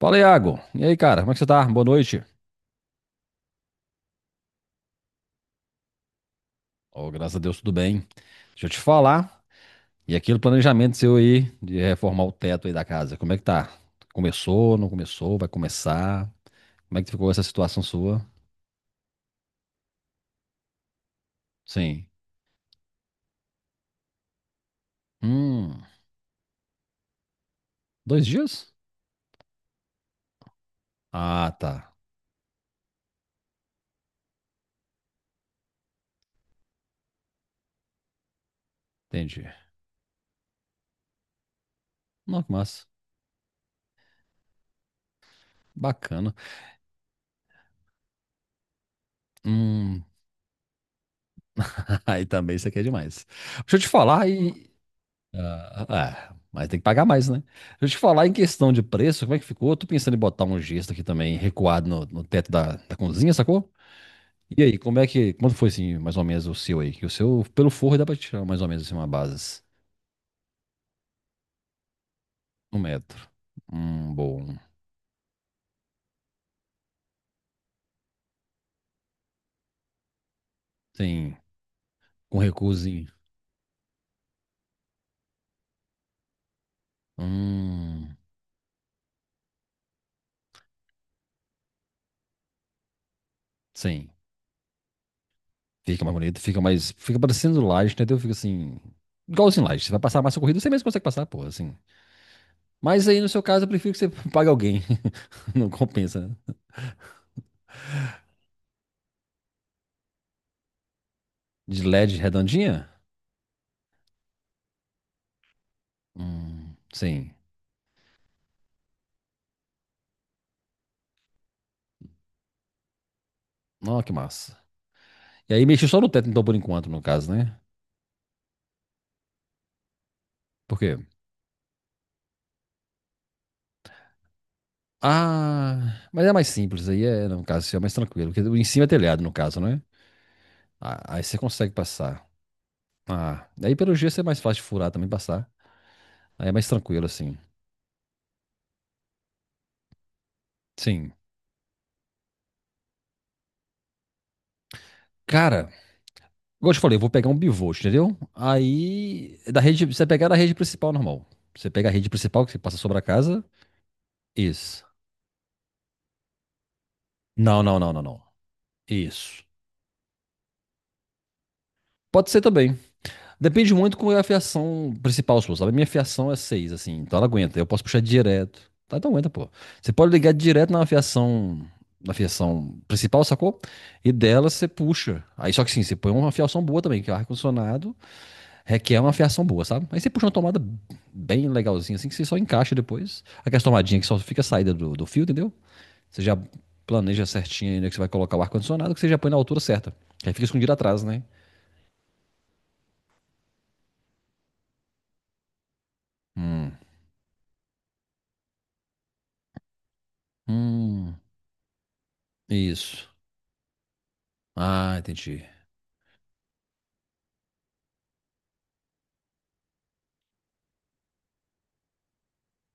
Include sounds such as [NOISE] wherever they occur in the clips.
Fala, Iago. E aí, cara, como é que você tá? Boa noite. Oh, graças a Deus, tudo bem. Deixa eu te falar. E aquele planejamento seu aí de reformar o teto aí da casa, como é que tá? Começou, não começou, vai começar? Como é que ficou essa situação sua? Sim. Hum, 2 dias? Ah, tá. Entendi. Não, que massa. Bacana. Hum, [LAUGHS] aí também isso aqui é demais. Deixa eu te falar, e Ah, ah, mas tem que pagar mais, né? Deixa eu te falar em questão de preço, como é que ficou? Eu tô pensando em botar um gesto aqui também, recuado no teto da cozinha, sacou? E aí, como é que. Quanto foi assim, mais ou menos, o seu aí? Que o seu, pelo forro, dá pra tirar mais ou menos assim, uma base. 1 metro. Bom. Sim. Com recuozinho. Hum. Sim. Fica mais bonito, fica mais. Fica parecendo laje, entendeu? Fica assim. Igualzinho laje. Você vai passar mais massa corrida, você mesmo consegue passar, pô, assim. Mas aí, no seu caso, eu prefiro que você [LAUGHS] pague alguém. [LAUGHS] Não compensa, né? De LED redondinha? Sim. Ó, que massa. E aí mexi só no teto, então, por enquanto, no caso, né? Por quê? Ah, mas é mais simples aí, é, no caso, assim, é mais tranquilo. Porque em cima é telhado, no caso, né? Ah, aí você consegue passar. Ah, aí pelo gesso é mais fácil de furar também passar. Aí é mais tranquilo, assim. Sim. Cara, igual eu te falei, eu vou pegar um bivolt, entendeu? Aí, é da rede, você pegar da rede principal normal. Você pega a rede principal que você passa sobre a casa. Isso. Não, não, não, não, não. Isso. Pode ser também. Depende muito qual é a fiação principal sua, sabe? A minha fiação é 6, assim, então ela aguenta. Eu posso puxar direto. Tá, então aguenta, pô. Você pode ligar direto na fiação principal, sacou? E dela você puxa. Aí só que sim, você põe uma fiação boa também, que é o ar-condicionado requer uma fiação boa, sabe? Aí você puxa uma tomada bem legalzinha, assim, que você só encaixa depois. Aquela tomadinha que só fica a saída do fio, entendeu? Você já planeja certinho aí onde é que você vai colocar o ar-condicionado, que você já põe na altura certa. Que aí fica escondido atrás, né? Hum, hum, isso. Ah, entendi.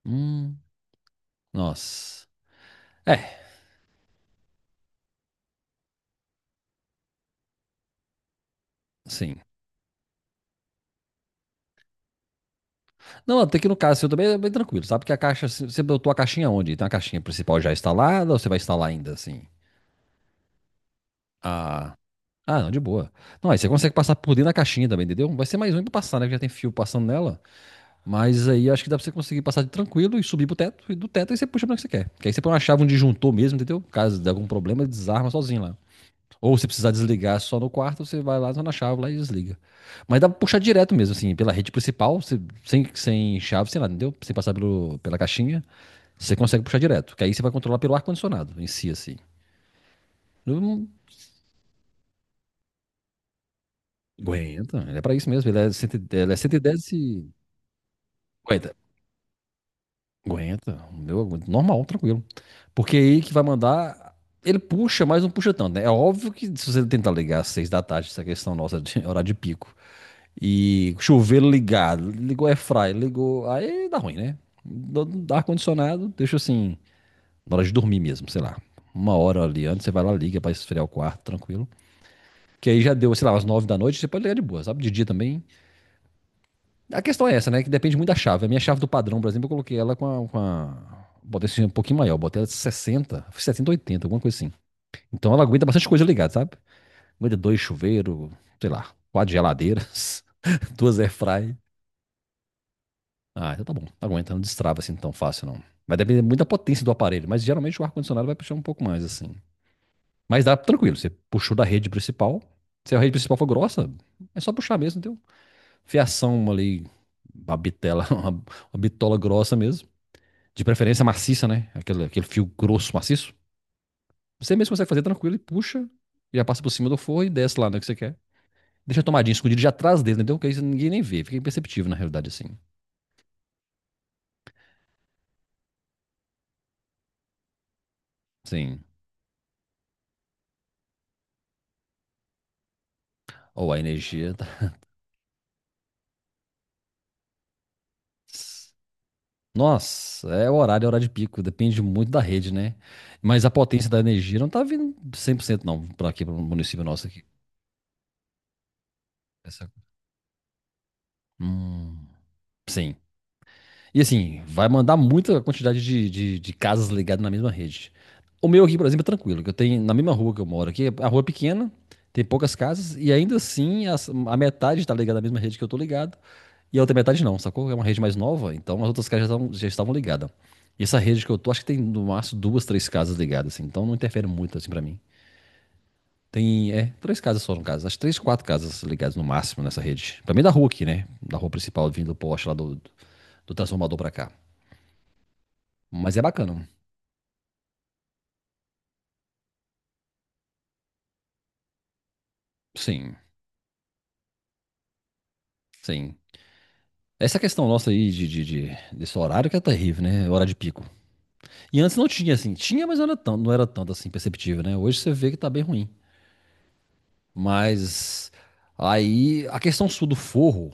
Hum, nossa. É, sim. Não, até que no caso seu também é bem tranquilo, sabe? Porque a caixa, você botou a caixinha onde? Tem a caixinha principal já instalada ou você vai instalar ainda, assim? Ah, ah, não, de boa. Não, aí você consegue passar por dentro da caixinha também, entendeu? Vai ser mais um pra passar, né? Que já tem fio passando nela. Mas aí acho que dá pra você conseguir passar de tranquilo e subir pro teto. E do teto aí você puxa pra onde você quer. Que aí você põe uma chave, um disjuntor mesmo, entendeu? Caso de algum problema, ele desarma sozinho lá. Ou se precisar desligar só no quarto, você vai lá só na chave lá e desliga. Mas dá pra puxar direto mesmo, assim, pela rede principal, você- sem, sem chave, sei lá, entendeu? Sem passar pelo, pela caixinha, você consegue puxar direto. Que aí você vai controlar pelo ar-condicionado em si, assim. Não não aguenta, ele é pra isso mesmo. Ele é 110 e dez. Aguenta, aguenta. O meu aguenta. Normal, tranquilo. Porque aí que vai mandar. Ele puxa, mas não puxa tanto, né? É óbvio que se você tentar ligar às 6 da tarde, essa questão nossa de [LAUGHS] horário de pico. E chuveiro ligado, ligou air fry, ligou. Aí dá ruim, né? Do ar-condicionado, deixa assim, na hora de dormir mesmo, sei lá. Uma hora ali antes, você vai lá, liga pra esfriar o quarto, tranquilo. Que aí já deu, sei lá, às 9 da noite, você pode ligar de boa, sabe? De dia também. A questão é essa, né? Que depende muito da chave. A minha chave do padrão, por exemplo, eu coloquei ela com a. Com a... Botei assim, um pouquinho maior, botei ela de 60 70, 80 alguma coisa assim. Então ela aguenta bastante coisa ligada, sabe? Aguenta 2 chuveiros, sei lá, quatro geladeiras, [LAUGHS] duas airfry. Ah, então tá bom. Tá aguenta, não destrava assim tão fácil, não. Vai depender muito da potência do aparelho, mas geralmente o ar-condicionado vai puxar um pouco mais, assim. Mas dá tranquilo, você puxou da rede principal. Se a rede principal for grossa, é só puxar mesmo, entendeu? Fiação ali, uma bitela, [LAUGHS] uma bitola grossa mesmo. De preferência maciça, né? Aquele, aquele fio grosso, maciço. Você mesmo consegue fazer tranquilo e puxa, e já passa por cima do forro e desce lá, né, que você quer. Deixa a tomadinha escondida já atrás dele, entendeu? Que aí ninguém nem vê, fica imperceptível na realidade, assim. Sim. Ou a energia tá... Nossa, é o horário, é horário de pico, depende muito da rede, né? Mas a potência da energia não tá vindo 100% não, para aqui, para o município nosso aqui. Essa- Hum, sim. E assim, vai mandar muita quantidade de casas ligadas na mesma rede. O meu aqui, por exemplo, é tranquilo, que eu tenho na mesma rua que eu moro aqui, a rua é pequena, tem poucas casas, e ainda assim a metade está ligada na mesma rede que eu tô ligado, e a outra metade não, sacou? É uma rede mais nova, então as outras casas já estavam ligadas. E essa rede que eu tô, acho que tem no máximo duas, três casas ligadas, assim, então não interfere muito assim pra mim. Tem, é, três casas só no caso, acho que três, quatro casas ligadas no máximo nessa rede. Pra mim é da rua aqui, né? Da rua principal, vindo do poste lá do, do transformador pra cá. Mas é bacana. Sim, sim. Essa questão nossa aí de desse horário que é terrível, né? Hora de pico. E antes não tinha, assim. Tinha, mas não era tanto, não era tanto assim perceptível, né? Hoje você vê que tá bem ruim. Mas aí a questão sul do forro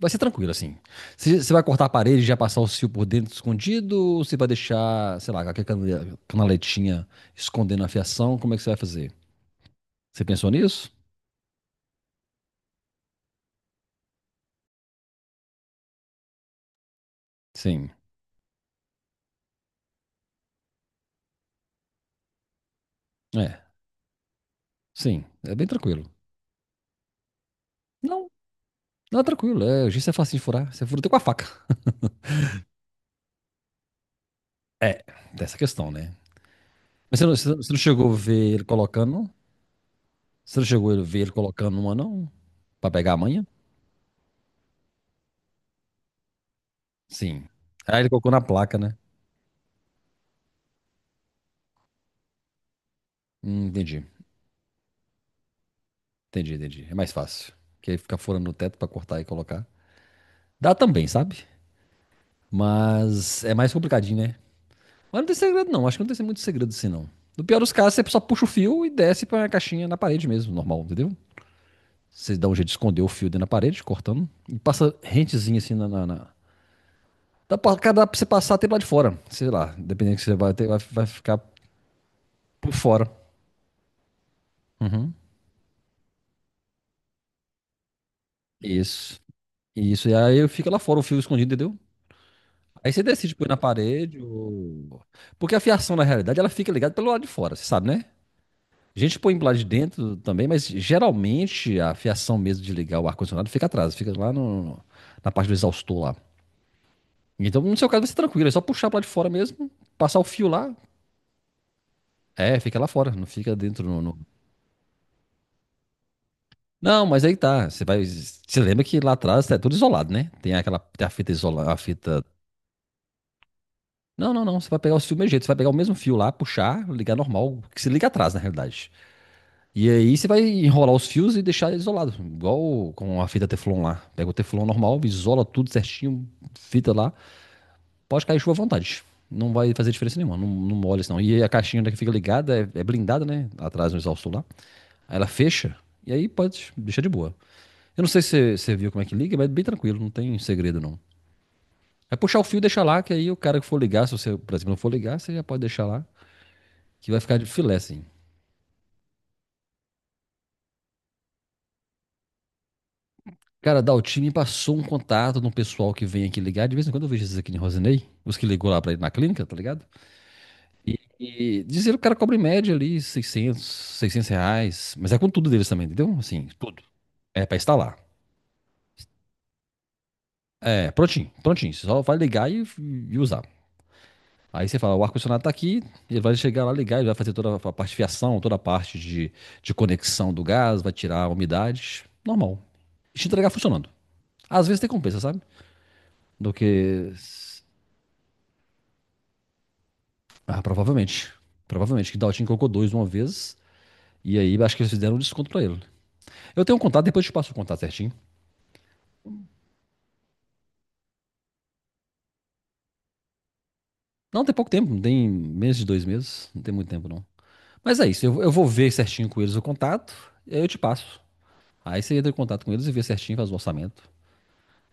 vai ser tranquila, assim. Você vai cortar a parede e já passar o fio por dentro escondido? Ou você vai deixar, sei lá, aquela canaletinha escondendo a fiação? Como é que você vai fazer? Você pensou nisso? Sim. É, sim. É bem tranquilo. Não Não, tranquilo, é, giz é fácil de furar. Você fura até com a faca. É, tem essa questão, né? Mas você não, você não- você não chegou a ver ele colocando, não? Você não chegou a ver ele colocando uma, não? Pra pegar a manha? Sim. Aí ele colocou na placa, né? Entendi, entendi, entendi. É mais fácil. Porque aí fica furando no teto pra cortar e colocar. Dá também, sabe? Mas é mais complicadinho, né? Mas não tem segredo, não. Acho que não tem muito segredo assim, não. No pior dos casos, você só puxa o fio e desce pra caixinha na parede mesmo, normal, entendeu? Você dá um jeito de esconder o fio dentro da parede, cortando, e passa rentezinho assim na. Na, na... dá pra você passar até lá de fora. Sei lá, dependendo que você vai ter, vai, vai ficar por fora. Uhum. Isso. Isso. E aí fica lá fora o fio escondido, entendeu? Aí você decide pôr na parede ou. Porque a fiação, na realidade, ela fica ligada pelo lado de fora, você sabe, né? A gente põe lá de dentro também, mas geralmente a fiação mesmo de ligar o ar-condicionado fica atrás, fica lá no, na parte do exaustor lá. Então, no seu caso, vai ser tranquilo, é só puxar pra lá de fora mesmo, passar o fio lá, é, fica lá fora, não fica dentro no, no- Não, mas aí tá. Você vai. Você lembra que lá atrás é tudo isolado, né? Tem aquela tem a fita isolada, a fita. Não, não, não. Você vai pegar o fio do mesmo jeito. Você vai pegar o mesmo fio lá, puxar, ligar normal, que se liga atrás, na realidade. E aí você vai enrolar os fios e deixar isolado, igual com a fita Teflon lá. Pega o Teflon normal, isola tudo certinho, fita lá. Pode cair chuva à vontade. Não vai fazer diferença nenhuma, não, não molha isso não. E aí a caixinha que fica ligada é, é blindada, né? Atrás no exaustor lá. Aí ela fecha e aí pode deixar de boa. Eu não sei se você viu como é que liga, mas é bem tranquilo, não tem segredo não. É puxar o fio e deixar lá, que aí o cara que for ligar, se você, por exemplo, não for ligar, você já pode deixar lá, que vai ficar de filé, assim. Cara, da Altim me passou um contato de um pessoal que vem aqui ligar. De vez em quando eu vejo esses aqui em Rosinei, os que ligou lá pra ir na clínica, tá ligado? E dizer que o cara cobra em média ali 600, R$ 600. Mas é com tudo deles também, entendeu? Assim, tudo. É pra instalar. É, prontinho, prontinho. Você só vai ligar e usar. Aí você fala, o ar-condicionado tá aqui, ele vai chegar lá, ligar, ele vai fazer toda a parte de fiação, toda a parte de conexão do gás, vai tirar a umidade, normal. E te entregar funcionando. Às vezes tem compensa, sabe? Do que... Ah, provavelmente. Provavelmente, que Daltin colocou dois uma vez, e aí acho que eles fizeram um desconto pra ele. Eu tenho um contato, depois eu te passo o contato certinho. Não, tem pouco tempo, não tem menos de 2 meses, não tem muito tempo não. Mas é isso, eu vou ver certinho com eles o contato, e aí eu te passo. Aí você entra em contato com eles e vê certinho, faz o orçamento.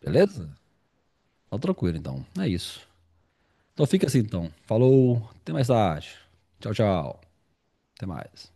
Beleza? Tá tranquilo, então. É isso. Então fica assim, então. Falou, até mais tarde. Tchau, tchau. Até mais.